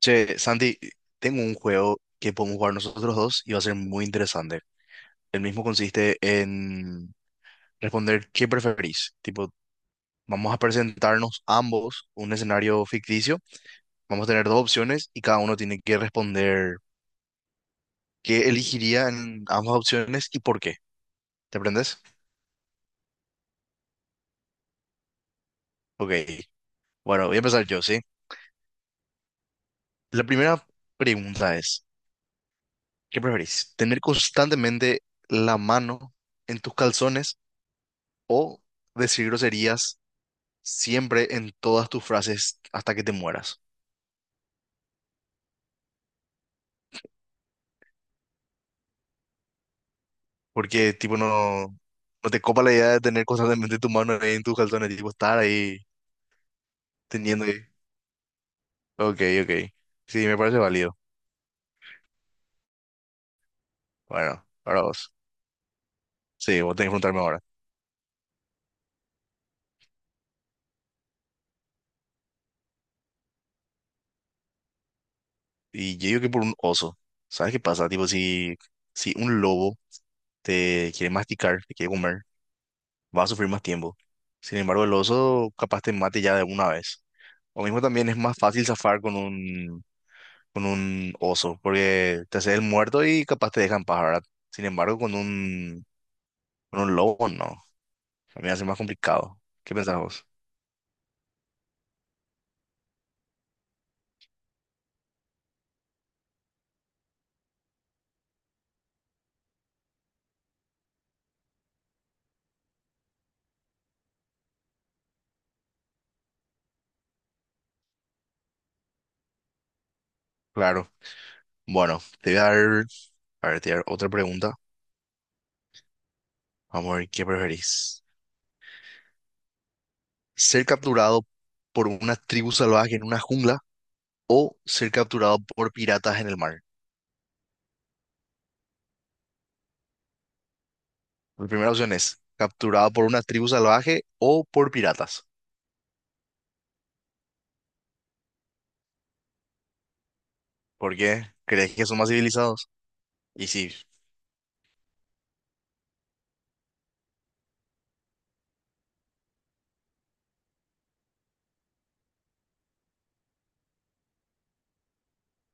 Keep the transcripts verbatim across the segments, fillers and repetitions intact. Che, Santi, tengo un juego que podemos jugar nosotros dos y va a ser muy interesante. El mismo consiste en responder qué preferís. Tipo, vamos a presentarnos ambos un escenario ficticio. Vamos a tener dos opciones y cada uno tiene que responder qué elegiría en ambas opciones y por qué. ¿Te aprendes? Ok. Bueno, voy a empezar yo, ¿sí? La primera pregunta es, ¿qué preferís? ¿Tener constantemente la mano en tus calzones o decir groserías siempre en todas tus frases hasta que te mueras? Porque, tipo, no, no te copa la idea de tener constantemente tu mano ahí en tus calzones, tipo, estar ahí teniendo ahí. Ok, ok. Sí, me parece válido. Bueno, ahora vos. Sí, vos tenés que preguntarme ahora. Y yo digo que por un oso. ¿Sabes qué pasa? Tipo, si, si un lobo te quiere masticar, te quiere comer, va a sufrir más tiempo. Sin embargo, el oso capaz te mate ya de una vez. O mismo también es más fácil zafar con un, con un oso, porque te haces el muerto y capaz te dejan paz, ¿verdad? Sin embargo, con un, con un lobo, no. A mí me hace más complicado. ¿Qué pensás vos? Claro. Bueno, te voy a dar, a ver, te voy a dar otra pregunta. Vamos a ver qué preferís. ¿Ser capturado por una tribu salvaje en una jungla o ser capturado por piratas en el mar? La primera opción es capturado por una tribu salvaje o por piratas. ¿Por qué? ¿Crees que son más civilizados? Y sí.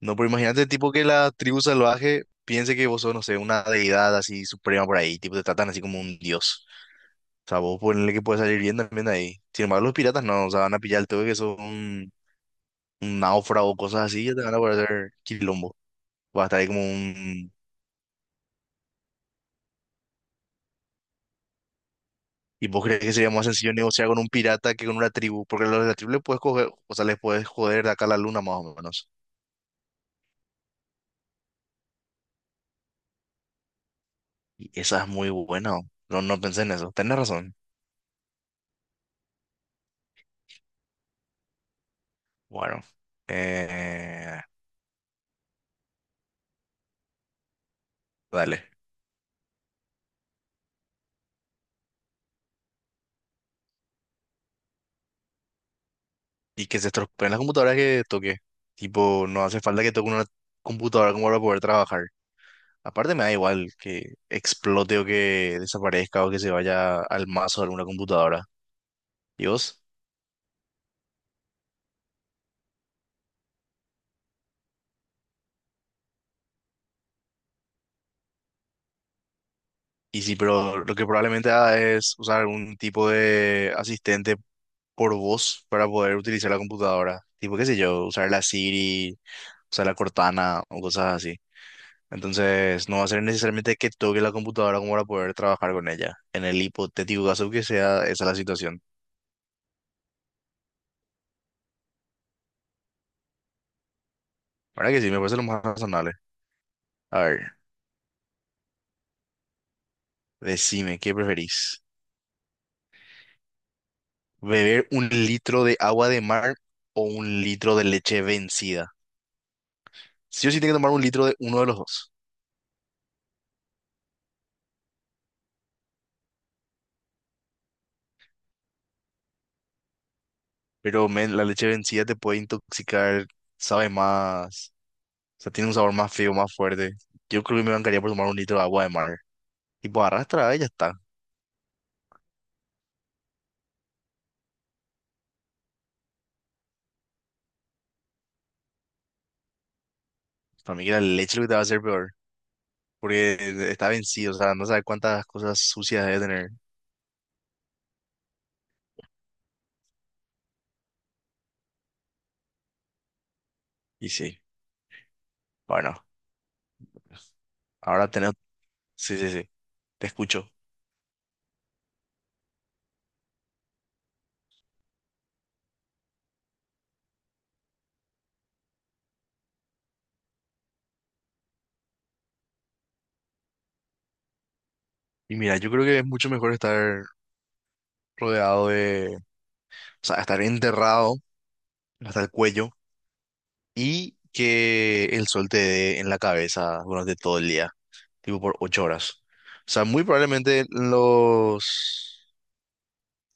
No, pero imagínate, tipo, que la tribu salvaje piense que vos sos, no sé, una deidad así suprema por ahí, tipo, te tratan así como un dios. O sea, vos ponele que puedes salir bien también de ahí. Sin embargo, los piratas no, o sea, van a pillar todo que son un, un náufrago o cosas así, ya te van a poder hacer quilombo. Va a estar ahí como un... ¿Y vos crees que sería más sencillo negociar con un pirata que con una tribu? Porque los de la tribu les puedes coger, o sea, les puedes joder de acá a la luna más o menos. Y esa es muy buena. No, no pensé en eso. Tenés razón. Bueno. Eh, dale. Y que se estropeen las computadoras que toque. Tipo, no hace falta que toque una computadora como para poder trabajar. Aparte me da igual que explote o que desaparezca o que se vaya al mazo de alguna computadora. ¿Y vos? Y sí, pero lo que probablemente haga es usar algún tipo de asistente por voz para poder utilizar la computadora. Tipo, qué sé yo, usar la Siri, usar la Cortana o cosas así. Entonces, no va a ser necesariamente que toque la computadora como para poder trabajar con ella, en el hipotético caso que sea esa la situación. Ahora que sí, me parece lo más razonable. A ver, decime, ¿qué preferís? ¿Beber un litro de agua de mar o un litro de leche vencida? Sí o sí, tengo que tomar un litro de uno de los dos. Pero, men, la leche vencida te puede intoxicar, sabe más, o sea, tiene un sabor más feo, más fuerte. Yo creo que me bancaría por tomar un litro de agua de mar. Y pues arrastra, y ya está. Para mí que la leche es lo que te va a hacer peor, porque está vencido, o sea, no sabe cuántas cosas sucias debe tener. Y sí, bueno, ahora tenemos, sí, sí, sí, te escucho. Y mira, yo creo que es mucho mejor estar rodeado de, o sea, estar enterrado hasta el cuello y que el sol te dé en la cabeza durante todo el día, tipo por ocho horas. O sea, muy probablemente en los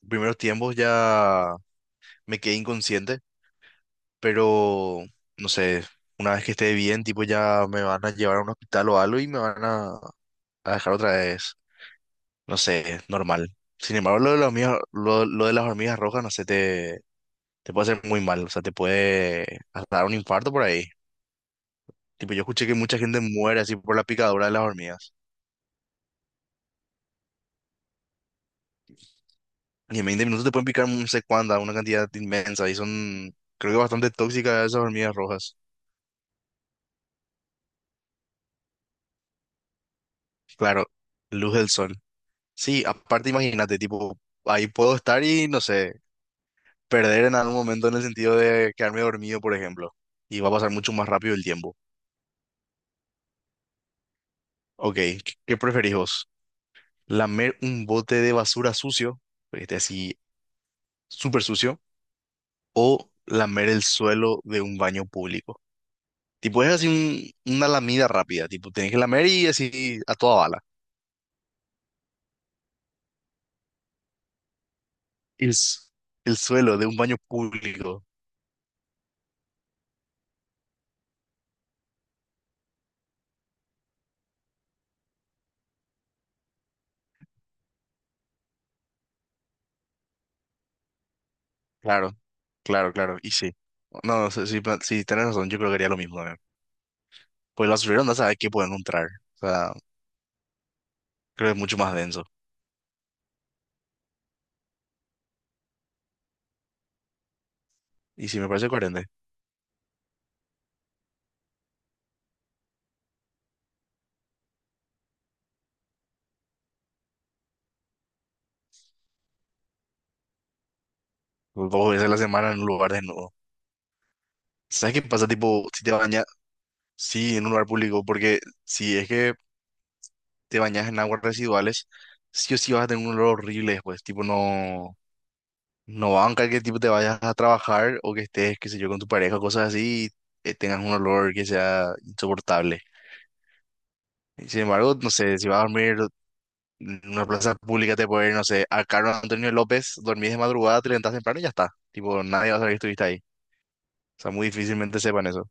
primeros tiempos ya me quedé inconsciente, pero no sé, una vez que esté bien, tipo ya me van a llevar a un hospital o algo y me van a, a dejar otra vez, no sé, normal. Sin embargo, lo de las hormigas, lo, lo de las hormigas rojas, no sé, te, te puede hacer muy mal, o sea, te puede hasta dar un infarto por ahí. Tipo, yo escuché que mucha gente muere así por la picadura de las hormigas. Y en veinte minutos te pueden picar no sé cuánta, una cantidad inmensa, y son, creo que bastante tóxicas esas hormigas rojas. Claro, luz del sol. Sí, aparte imagínate, tipo, ahí puedo estar y no sé, perder en algún momento en el sentido de quedarme dormido, por ejemplo, y va a pasar mucho más rápido el tiempo. Ok, ¿qué, qué preferís vos? ¿Lamer un bote de basura sucio, porque esté así súper sucio, o lamer el suelo de un baño público? Tipo, es así un- una lamida rápida, tipo, tenés que lamer y así a toda bala. El, s- el suelo de un baño público, claro, claro, claro, y sí. No, sí, sí, pa- sí, tenés razón, yo creo que haría lo mismo también. Pues el basurero no sabe qué puede encontrar, o sea, creo que es mucho más denso. Y sí, me parece coherente. Dos veces a la semana en un lugar desnudo. ¿Sabes qué pasa? Tipo, si te bañas, sí, en un lugar público, porque si es que te bañas en aguas residuales, sí o sí vas a tener un olor horrible después. Tipo, no, no banca que tipo te vayas a trabajar o que estés, qué sé yo, con tu pareja, cosas así, y eh, tengas un olor que sea insoportable. Y sin embargo, no sé, si vas a dormir en una plaza pública, te puede ir, no sé, a Carlos Antonio López, dormís de madrugada, te levantás temprano y ya está. Tipo, nadie va a saber que estuviste ahí. O sea, muy difícilmente sepan eso.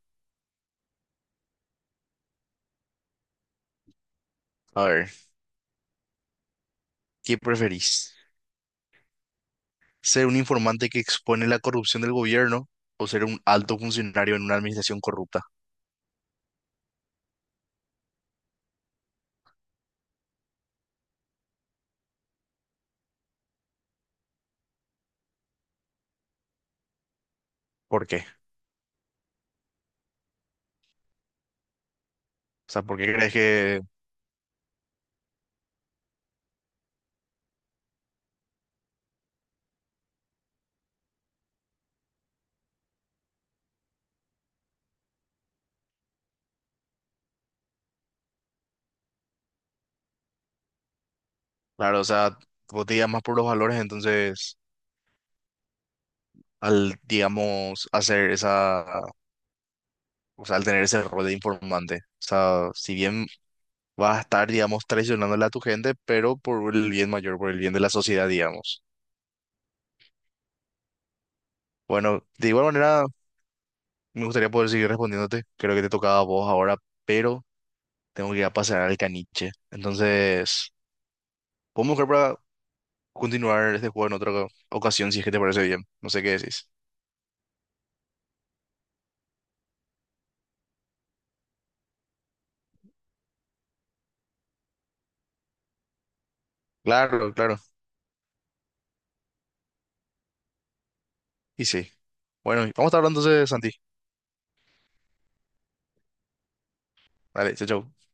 A ver, ¿qué preferís? ¿Ser un informante que expone la corrupción del gobierno o ser un alto funcionario en una administración corrupta? ¿Por qué? O sea, ¿por qué crees que, claro, o sea, vos te guías más por los valores, entonces, al, digamos, hacer esa, o sea, al tener ese rol de informante, o sea, si bien vas a estar, digamos, traicionándole a tu gente, pero por el bien mayor, por el bien de la sociedad, digamos. Bueno, de igual manera, me gustaría poder seguir respondiéndote, creo que te tocaba a vos ahora, pero... Tengo que ir a pasear al caniche. Entonces, podemos buscar para continuar este juego en otra oca- ocasión, si es que te parece bien. No sé qué decís. Claro, claro. Y sí. Bueno, y vamos a estar hablando entonces, Santi. Vale, chao, chao.